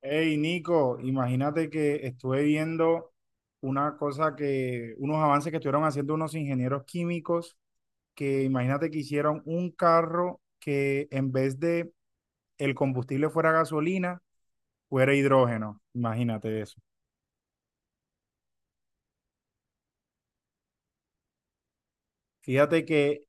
Hey Nico, imagínate que estuve viendo una cosa unos avances que estuvieron haciendo unos ingenieros químicos, que imagínate que hicieron un carro que en vez de el combustible fuera gasolina, fuera hidrógeno. Imagínate eso. Fíjate que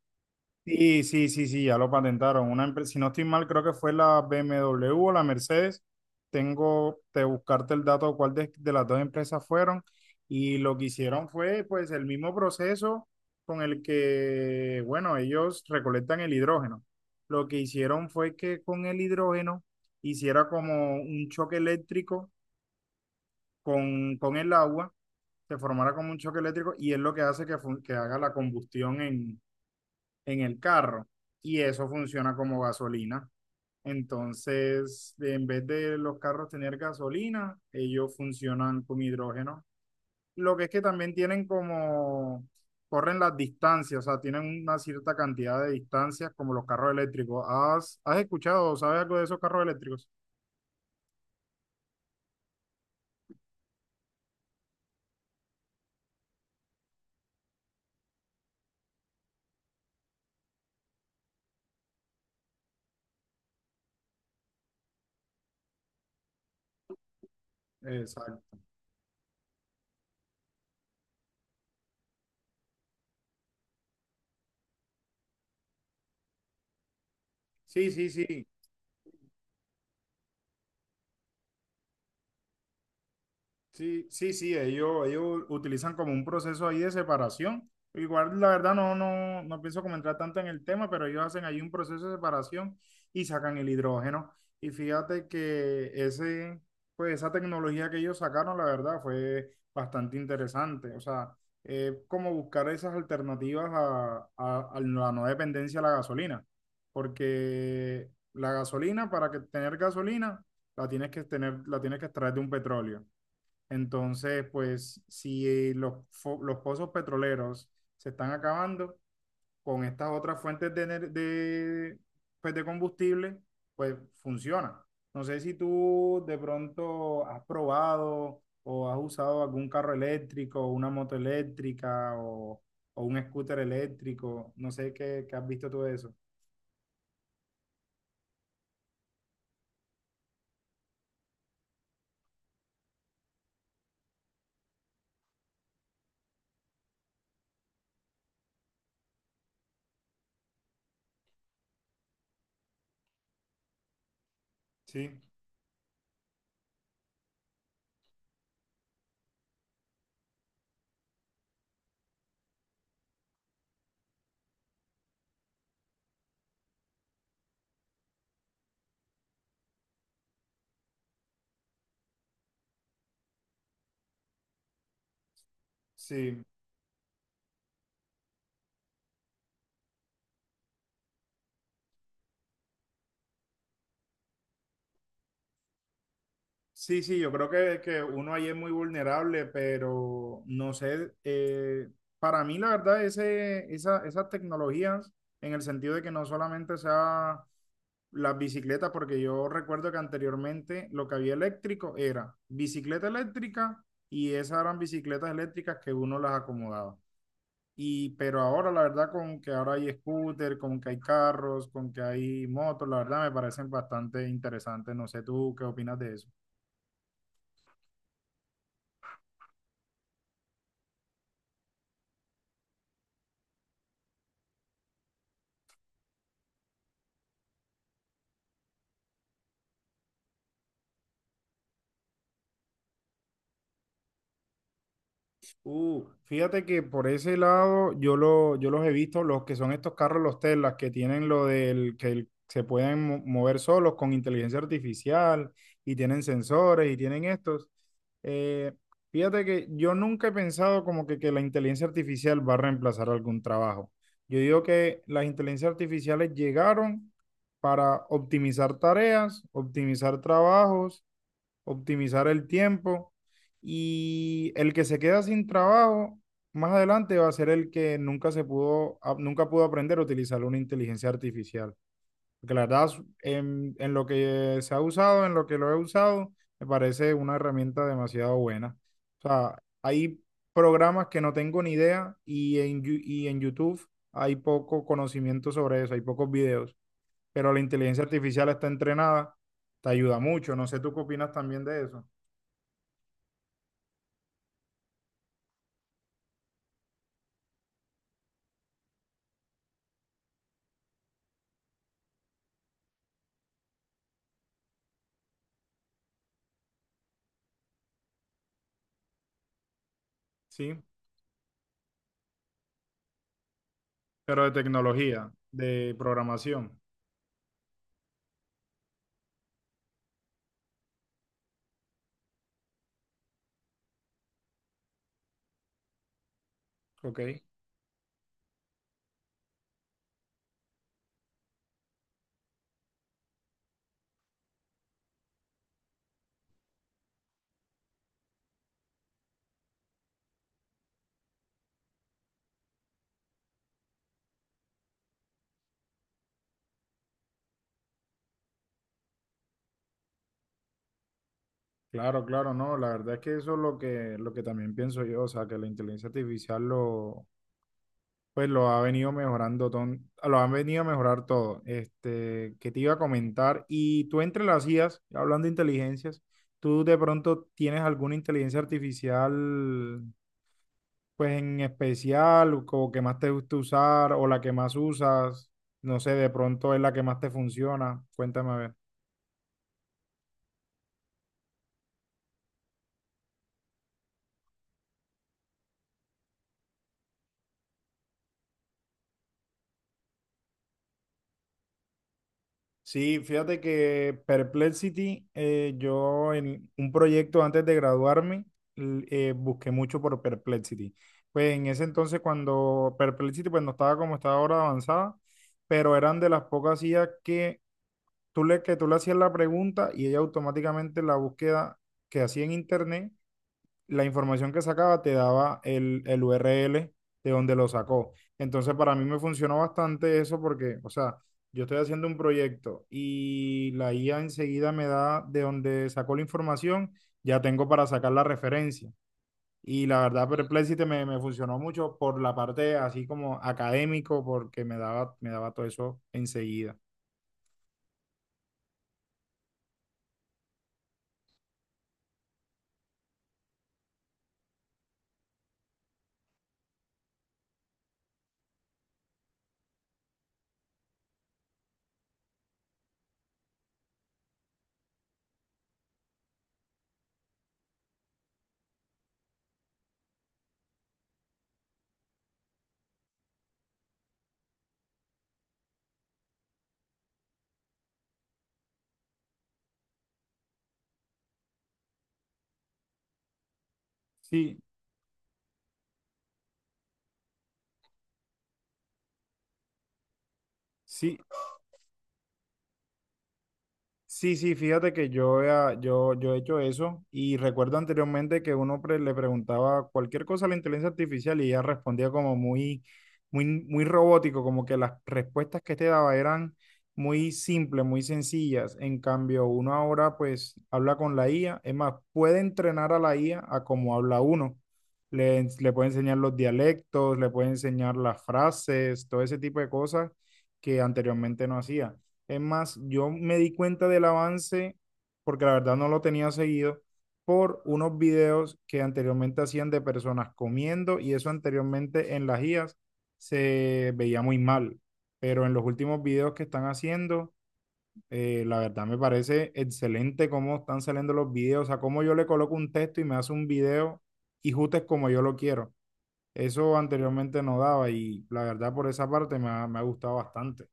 sí, sí, ya lo patentaron. Una empresa, si no estoy mal, creo que fue la BMW o la Mercedes. Tengo que buscarte el dato de cuál de las dos empresas fueron. Y lo que hicieron fue, pues, el mismo proceso con el que, bueno, ellos recolectan el hidrógeno. Lo que hicieron fue que con el hidrógeno hiciera como un choque eléctrico con el agua, se formara como un choque eléctrico y es lo que hace que, que haga la combustión en el carro y eso funciona como gasolina. Entonces, en vez de los carros tener gasolina, ellos funcionan con hidrógeno. Lo que es que también tienen como, corren las distancias, o sea, tienen una cierta cantidad de distancias como los carros eléctricos. ¿Has escuchado o sabes algo de esos carros eléctricos? Exacto. Sí, sí, sí. Sí, sí, sí, ellos utilizan como un proceso ahí de separación. Igual, la verdad, no pienso comentar tanto en el tema, pero ellos hacen ahí un proceso de separación y sacan el hidrógeno. Y fíjate que ese, pues esa tecnología que ellos sacaron, la verdad, fue bastante interesante. O sea, como buscar esas alternativas a, a la no dependencia de la gasolina. Porque la gasolina, para que tener gasolina, la tienes que tener, la tienes que extraer de un petróleo. Entonces, pues si los pozos petroleros se están acabando con estas otras fuentes de, pues, de combustible, pues funciona. No sé si tú de pronto has probado o has usado algún carro eléctrico, una moto eléctrica o un scooter eléctrico. No sé qué has visto tú de eso. Sí, sí. Sí, sí, yo creo que uno ahí es muy vulnerable, pero no sé, para mí la verdad esas tecnologías, en el sentido de que no solamente sea las bicicletas, porque yo recuerdo que anteriormente lo que había eléctrico era bicicleta eléctrica y esas eran bicicletas eléctricas que uno las acomodaba. Y, pero ahora la verdad con que ahora hay scooter, con que hay carros, con que hay motos, la verdad me parecen bastante interesantes. No sé tú qué opinas de eso. Fíjate que por ese lado yo los he visto, los que son estos carros, los Teslas, que tienen lo del que se pueden mover solos con inteligencia artificial y tienen sensores y tienen estos. Eh, fíjate que yo nunca he pensado como que la inteligencia artificial va a reemplazar algún trabajo. Yo digo que las inteligencias artificiales llegaron para optimizar tareas, optimizar trabajos, optimizar el tiempo y el que se queda sin trabajo más adelante va a ser el que nunca pudo aprender a utilizar una inteligencia artificial. Porque la verdad, en lo que se ha usado, en lo que lo he usado, me parece una herramienta demasiado buena. O sea, hay programas que no tengo ni idea y en YouTube hay poco conocimiento sobre eso, hay pocos videos, pero la inteligencia artificial está entrenada, te ayuda mucho. No sé, ¿tú qué opinas también de eso? Sí, pero de tecnología, de programación. Ok, claro, claro, no, la verdad es que eso es lo lo que también pienso yo, o sea, que la inteligencia artificial lo, pues lo ha venido mejorando, lo han venido a mejorar todo. Este, que te iba a comentar, y tú entre las IAs, hablando de inteligencias, ¿tú de pronto tienes alguna inteligencia artificial, pues en especial, o como que más te gusta usar, o la que más usas? No sé, de pronto es la que más te funciona. Cuéntame a ver. Sí, fíjate que Perplexity, yo en un proyecto antes de graduarme, busqué mucho por Perplexity. Pues en ese entonces cuando Perplexity pues no estaba como está ahora avanzada, pero eran de las pocas IAs que que tú le hacías la pregunta y ella automáticamente la búsqueda que hacía en internet la información que sacaba te daba el URL de donde lo sacó. Entonces, para mí me funcionó bastante eso porque, o sea, yo estoy haciendo un proyecto y la IA enseguida me da de donde sacó la información, ya tengo para sacar la referencia. Y la verdad, me funcionó mucho por la parte así como académico, porque me daba todo eso enseguida. Sí, sí. Sí, sí, fíjate que yo he hecho eso y recuerdo anteriormente que uno le preguntaba cualquier cosa a la inteligencia artificial y ella respondía como muy, muy robótico, como que las respuestas que te daba eran muy simples, muy sencillas. En cambio, uno ahora pues habla con la IA, es más, puede entrenar a la IA a cómo habla uno. Le puede enseñar los dialectos, le puede enseñar las frases, todo ese tipo de cosas que anteriormente no hacía. Es más, yo me di cuenta del avance, porque la verdad no lo tenía seguido, por unos videos que anteriormente hacían de personas comiendo y eso anteriormente en las IAS se veía muy mal. Pero en los últimos videos que están haciendo, la verdad me parece excelente cómo están saliendo los videos, o sea, cómo yo le coloco un texto y me hace un video y justo es como yo lo quiero. Eso anteriormente no daba y la verdad por esa parte me ha gustado bastante.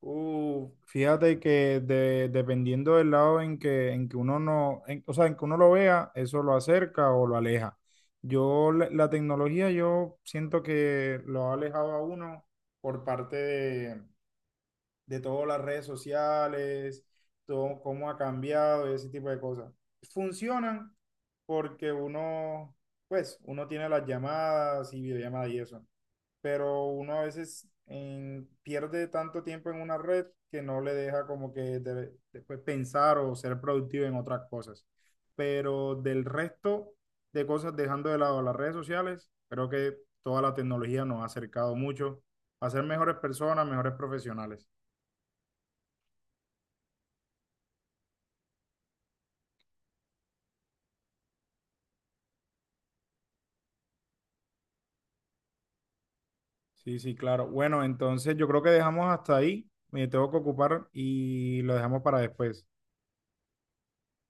Fíjate que dependiendo del lado en que uno no, en- o sea, en que uno lo vea, eso lo acerca o lo aleja. La tecnología, yo siento que lo ha alejado a uno por parte de todas las redes sociales, todo cómo ha cambiado y ese tipo de cosas. Funcionan porque uno, pues, uno tiene las llamadas y videollamadas y eso, pero uno a veces pierde tanto tiempo en una red que no le deja como que después pensar o ser productivo en otras cosas. Pero del resto de cosas, dejando de lado las redes sociales, creo que toda la tecnología nos ha acercado mucho a ser mejores personas, mejores profesionales. Sí, sí, claro. Bueno, entonces yo creo que dejamos hasta ahí. Me tengo que ocupar y lo dejamos para después.